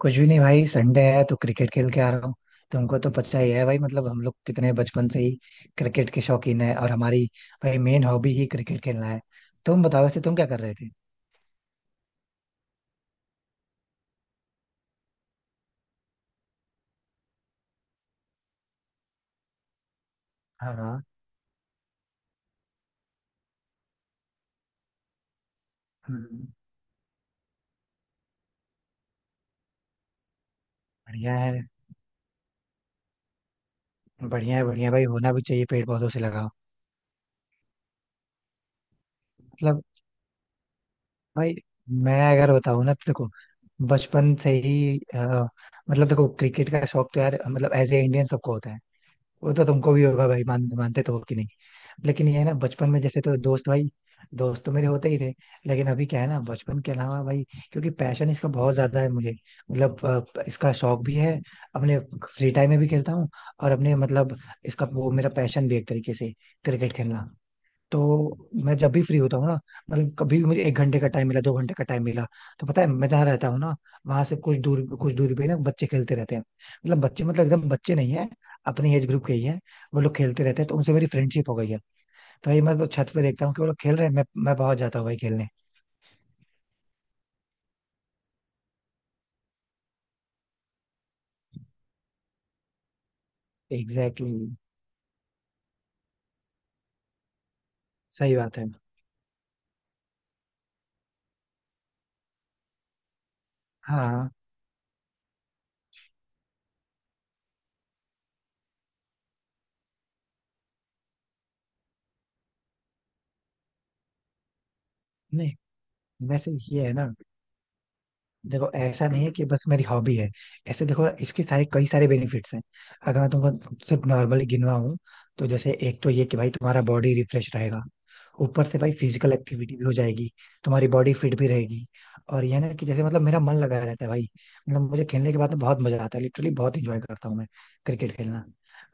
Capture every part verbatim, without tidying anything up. कुछ भी नहीं भाई. संडे है तो क्रिकेट खेल के आ रहा हूँ. तुमको तो पता ही है भाई, मतलब हम लोग कितने बचपन से ही क्रिकेट के शौकीन है और हमारी भाई मेन हॉबी ही क्रिकेट खेलना है. तुम बताओ वैसे तुम क्या कर रहे थे. हाँ हाँ. हम्म. बढ़िया है. बढ़िया है. बढ़िया है भाई, होना भी चाहिए पेड़ पौधों से लगाओ. मतलब भाई मैं अगर बताऊँ ना तो देखो. बचपन से ही अ, मतलब देखो, क्रिकेट का शौक तो यार मतलब एज ए इंडियन सबको होता है. वो तो तुमको भी होगा भाई, मान मानते तो हो कि नहीं. लेकिन ये है ना, बचपन में जैसे तो दोस्त भाई दोस्त तो मेरे होते ही थे. लेकिन अभी क्या है ना, बचपन के अलावा भाई, क्योंकि पैशन इसका बहुत ज्यादा है मुझे. मतलब अ, इसका शौक भी है. अपने फ्री टाइम में भी खेलता हूँ और अपने मतलब इसका वो मेरा पैशन भी है एक तरीके से, क्रिकेट खेलना. तो मैं जब भी फ्री होता हूँ ना, मतलब कभी भी मुझे एक घंटे का टाइम मिला, दो घंटे का टाइम मिला, तो पता है मैं जहाँ रहता हूँ ना, वहां से कुछ दूर कुछ दूरी पे ना बच्चे खेलते रहते हैं. मतलब बच्चे, मतलब एकदम बच्चे नहीं है, अपने एज ग्रुप के ही है. वो लोग खेलते रहते हैं तो उनसे मेरी फ्रेंडशिप हो गई है. तो ये मैं तो छत पे देखता हूँ कि वो लोग खेल रहे हैं, मैं मैं पहुंच जाता हूँ भाई खेलने. Exactly exactly. सही बात है. हाँ. नहीं. वैसे ये है ना, देखो ऐसा नहीं है कि बस मेरी हॉबी है. ऐसे देखो इसके सारे कई सारे बेनिफिट्स हैं. अगर मैं तुमको सिर्फ नॉर्मली गिनवाऊं, तो जैसे एक तो ये कि भाई तुम्हारा बॉडी रिफ्रेश रहेगा. ऊपर से भाई फिजिकल एक्टिविटी भी हो जाएगी. तुम्हारी बॉडी फिट भी रहेगी. और ये ना कि जैसे मतलब मेरा मन लगा रहता है भाई. मतलब मुझे खेलने के बाद में बहुत मजा आता है, लिटरली बहुत इंजॉय करता हूँ मैं क्रिकेट खेलना.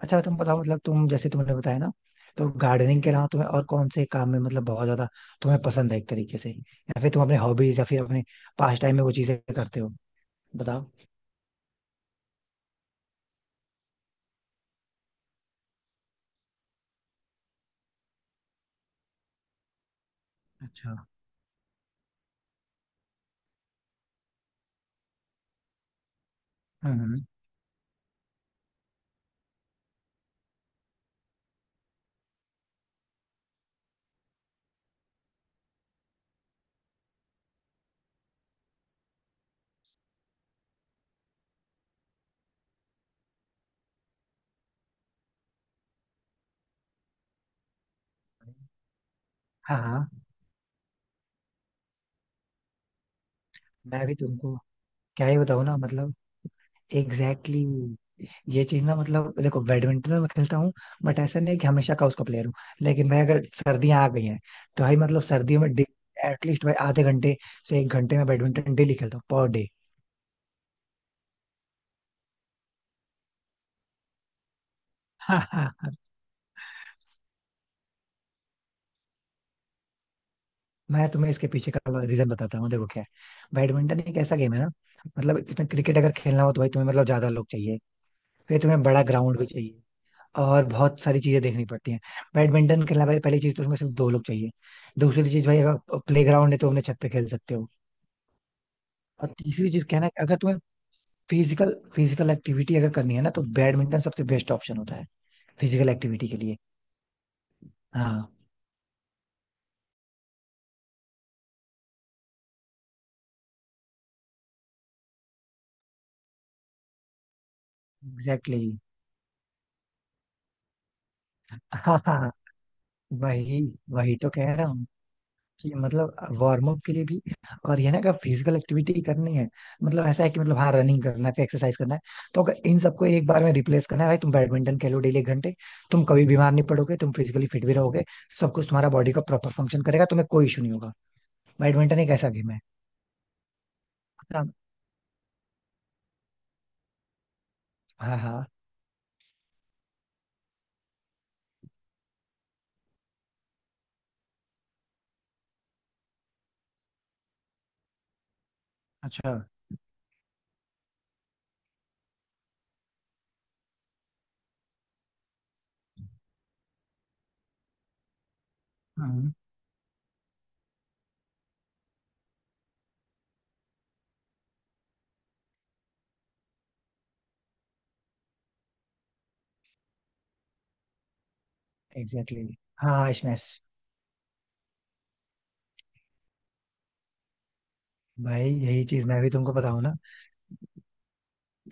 अच्छा तुम बताओ, मतलब तुम जैसे तुमने बताया ना, तो गार्डनिंग के अलावा तुम्हें और कौन से काम में मतलब बहुत ज्यादा तुम्हें पसंद है एक तरीके से, या फिर तुम अपने हॉबीज या फिर अपने पास्ट टाइम में वो चीजें करते हो. बताओ. अच्छा. हम्म. हाँ हाँ. मैं भी तुमको क्या ही बताऊँ ना मतलब. Exactly exactly. ये चीज ना, मतलब देखो बैडमिंटन में मैं खेलता हूँ, बट ऐसा नहीं कि हमेशा का उसका प्लेयर हूँ. लेकिन मैं अगर सर्दियाँ आ गई हैं, तो भाई मतलब सर्दियों में एटलीस्ट भाई आधे घंटे से एक घंटे में बैडमिंटन डेली खेलता हूँ पर डे. हाँ हाँ हाँ. मैं तुम्हें इसके पीछे का रीजन बताता हूँ, देखो क्या है. बैडमिंटन एक ऐसा गेम है ना, मतलब इसमें क्रिकेट अगर खेलना हो, तो भाई तुम्हें मतलब ज्यादा लोग चाहिए, फिर तुम्हें बड़ा ग्राउंड भी चाहिए और बहुत सारी चीजें देखनी पड़ती हैं. बैडमिंटन खेलना भाई, पहली चीज तो उसमें सिर्फ दो लोग चाहिए. दूसरी चीज भाई, अगर प्ले ग्राउंड है तो अपने छत पे खेल सकते हो. और तीसरी चीज कहना है कि अगर तुम्हें फिजिकल फिजिकल एक्टिविटी अगर करनी है ना, तो बैडमिंटन सबसे बेस्ट ऑप्शन होता है फिजिकल एक्टिविटी के लिए. हाँ. Exactly exactly. हाँ हाँ. वही वही तो कह रहा हूँ कि मतलब वार्म अप के लिए भी. और ये ना, अगर फिजिकल एक्टिविटी करनी है, मतलब ऐसा है कि मतलब हाँ रनिंग करना है, फिर एक्सरसाइज करना है, तो अगर इन सबको एक बार में रिप्लेस करना है भाई, तुम बैडमिंटन खेलो डेली एक घंटे, तुम कभी बीमार नहीं पड़ोगे, तुम फिजिकली फिट भी रहोगे. सब कुछ तुम्हारा बॉडी का प्रॉपर फंक्शन करेगा, तुम्हें कोई इशू नहीं होगा. बैडमिंटन एक ऐसा गेम है. हाँ हाँ हाँ. अच्छा. हाँ. एग्जैक्टली. हाँ स्मैश. भाई यही चीज मैं भी तुमको बताऊं ना,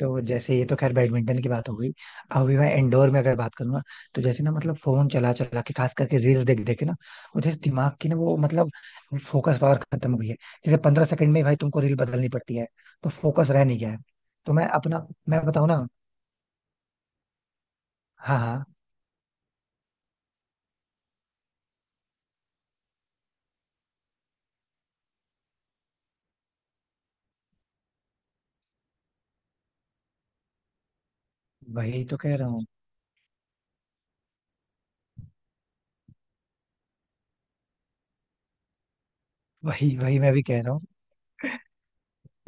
तो जैसे ये तो खैर बैडमिंटन की बात हो गई, अभी मैं इंडोर में अगर बात करूँ ना, तो जैसे ना मतलब फोन चला चला के, खास करके रील्स देख देख के ना, मुझे दिमाग की ना वो, मतलब फोकस पावर खत्म हो गई है. जैसे पंद्रह सेकंड में ही भाई तुमको रील बदलनी पड़ती है, तो फोकस रह नहीं गया है. तो मैं अपना मैं बताऊँ ना. हाँ हाँ. वही तो कह रहा हूँ. वही वही मैं भी कह रहा हूँ.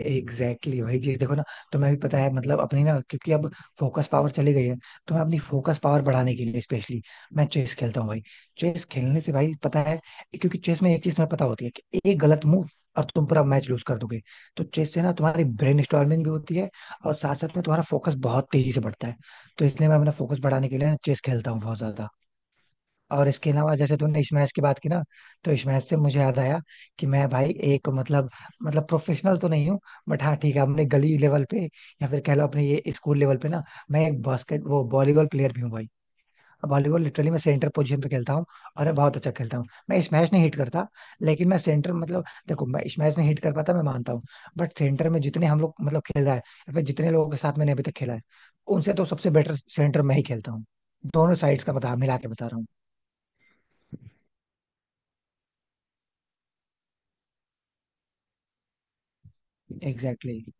एग्जैक्टली exactly, वही चीज देखो ना. तो मैं भी पता है, मतलब अपनी ना क्योंकि अब फोकस पावर चली गई है, तो मैं अपनी फोकस पावर बढ़ाने के लिए स्पेशली मैं चेस खेलता हूँ भाई. चेस खेलने से भाई पता है, क्योंकि चेस में एक चीज तुम्हें पता होती है कि एक गलत मूव और तुम पूरा मैच लूज कर दोगे. तो चेस से ना तुम्हारी ब्रेन स्टॉर्मिंग भी होती है, और साथ साथ में तुम्हारा फोकस बहुत तेजी से बढ़ता है. तो इसलिए मैं अपना फोकस बढ़ाने के लिए ना चेस खेलता हूँ बहुत ज्यादा. और इसके अलावा जैसे तुमने स्मैश की बात की ना, तो स्मैश से मुझे याद आया कि मैं भाई एक मतलब, मतलब प्रोफेशनल तो नहीं हूँ, बट हाँ ठीक है, अपने गली लेवल पे या फिर कह लो अपने ये स्कूल लेवल पे ना, मैं एक बास्केट वो वॉलीबॉल प्लेयर भी हूँ भाई. वॉलीबॉल लिटरली मैं सेंटर पोजीशन पे खेलता हूँ और मैं बहुत अच्छा खेलता हूँ. मैं स्मैश नहीं हिट करता. लेकिन मैं सेंटर मतलब देखो, मैं स्मैश नहीं हिट कर पाता, मैं मानता हूँ. बट सेंटर में जितने हम लोग मतलब खेला है या फिर जितने लोगों के साथ मैंने अभी तक खेला है, उनसे तो सबसे बेटर सेंटर मैं ही खेलता हूँ. दोनों साइड्स का बता मिला के बता रहा हूँ. Exactly exactly.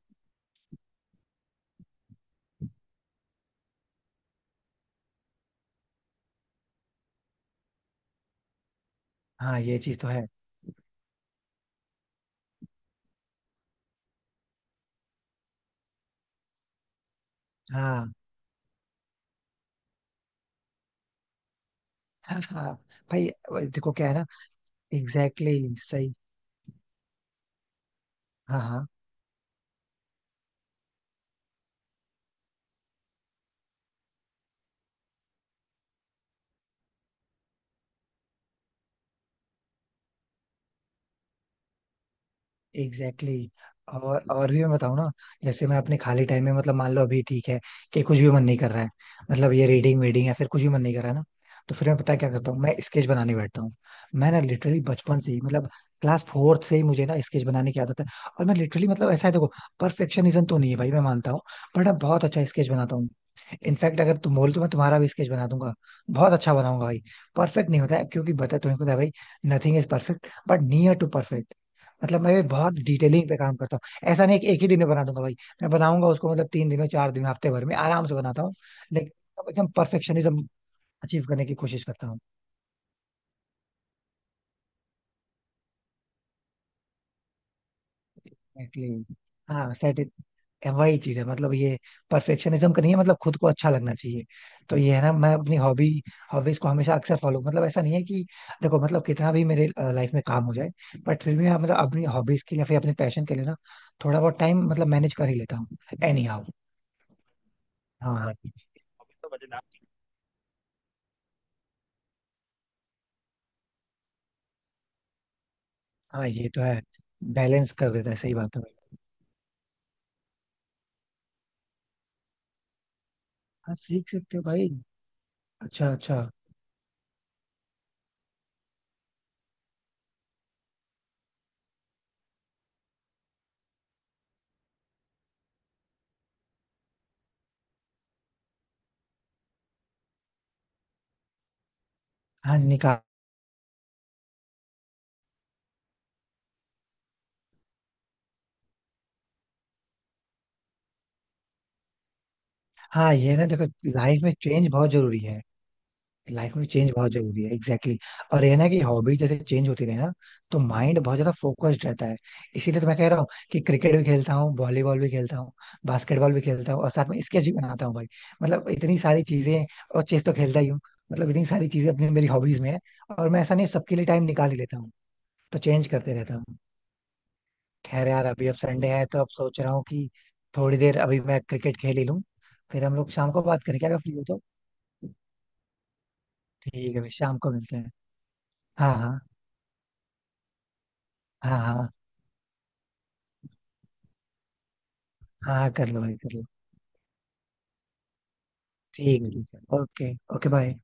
हाँ ये चीज तो है. हाँ हाँ हाँ. भाई देखो क्या है ना. एग्जैक्टली exactly, सही. हाँ हाँ. Exactly exactly. और और भी मैं बताऊँ ना, जैसे मैं अपने खाली टाइम में मतलब मान लो अभी ठीक है कि कुछ भी मन नहीं कर रहा है, मतलब ये रीडिंग वीडिंग या फिर कुछ भी मन नहीं कर रहा है ना, तो फिर मैं पता है क्या करता हूँ, मैं स्केच बनाने बैठता हूँ. मैं ना लिटरली बचपन से ही मतलब क्लास फोर्थ से ही मुझे ना स्केच बनाने की आदत है. और मैं लिटरली मतलब ऐसा है देखो, परफेक्शनिज्म तो नहीं है भाई मैं मानता हूँ, बट मैं बहुत अच्छा स्केच बनाता हूँ. इनफैक्ट अगर तुम बोलो तो मैं तुम्हारा भी स्केच बना दूंगा. बहुत अच्छा बनाऊंगा भाई. परफेक्ट नहीं होता है, क्योंकि बता तुम्हें पता है भाई, nothing is perfect but near to perfect. मतलब मैं भी बहुत डिटेलिंग पे काम करता हूँ, ऐसा नहीं कि एक ही दिन में बना दूंगा भाई. मैं बनाऊंगा उसको मतलब तीन दिनों चार दिन हफ्ते भर में आराम से बनाता हूँ. लेकिन एकदम परफेक्शनिज्म अचीव करने की कोशिश करता हूँ. एग्जैक्टली. हाँ सेट, वही चीज है, मतलब ये परफेक्शनिज्म का नहीं है, मतलब खुद को अच्छा लगना चाहिए. तो ये है ना, मैं अपनी हॉबी हॉबीज को हमेशा अक्सर फॉलो, मतलब ऐसा नहीं है कि, देखो मतलब कितना भी मेरे लाइफ में काम हो जाए, बट फिर भी मैं मतलब अपनी हॉबीज के लिए या फिर अपने पैशन के लिए ना थोड़ा बहुत टाइम मतलब मैनेज कर ही लेता हूँ एनी हाउ. हाँ हाँ. हॉबी तो मजेदार. हाँ ये तो है, बैलेंस कर देता है, सही बात है भाई. हाँ सीख सकते हो भाई. अच्छा अच्छा. हाँ निकाल. हाँ ये ना देखो, लाइफ में चेंज बहुत जरूरी है. लाइफ में चेंज बहुत जरूरी है. Exactly exactly. और ये ना कि हॉबी जैसे चेंज होती रहे ना, तो माइंड बहुत ज्यादा फोकस्ड रहता है. इसीलिए तो मैं कह रहा हूँ कि क्रिकेट भी खेलता हूँ, वॉलीबॉल भी खेलता हूँ, बास्केटबॉल भी खेलता हूँ और साथ में स्केच भी बनाता हूँ भाई. मतलब इतनी सारी चीजें. और चेस तो खेलता ही हूँ. मतलब इतनी सारी चीजें अपनी मेरी हॉबीज में है. और मैं ऐसा नहीं, सबके लिए टाइम निकाल ही लेता हूँ, तो चेंज करते रहता हूँ. खैर यार अभी अब संडे है, तो अब सोच रहा हूँ कि थोड़ी देर अभी मैं क्रिकेट खेल ही लूँ, फिर हम लोग शाम को बात करें क्या, अगर फ्री हो तो. ठीक है भाई, शाम को मिलते हैं. हाँ हाँ हाँ हाँ. हाँ कर लो भाई कर लो. ठीक है ठीक है. Okay okay bye.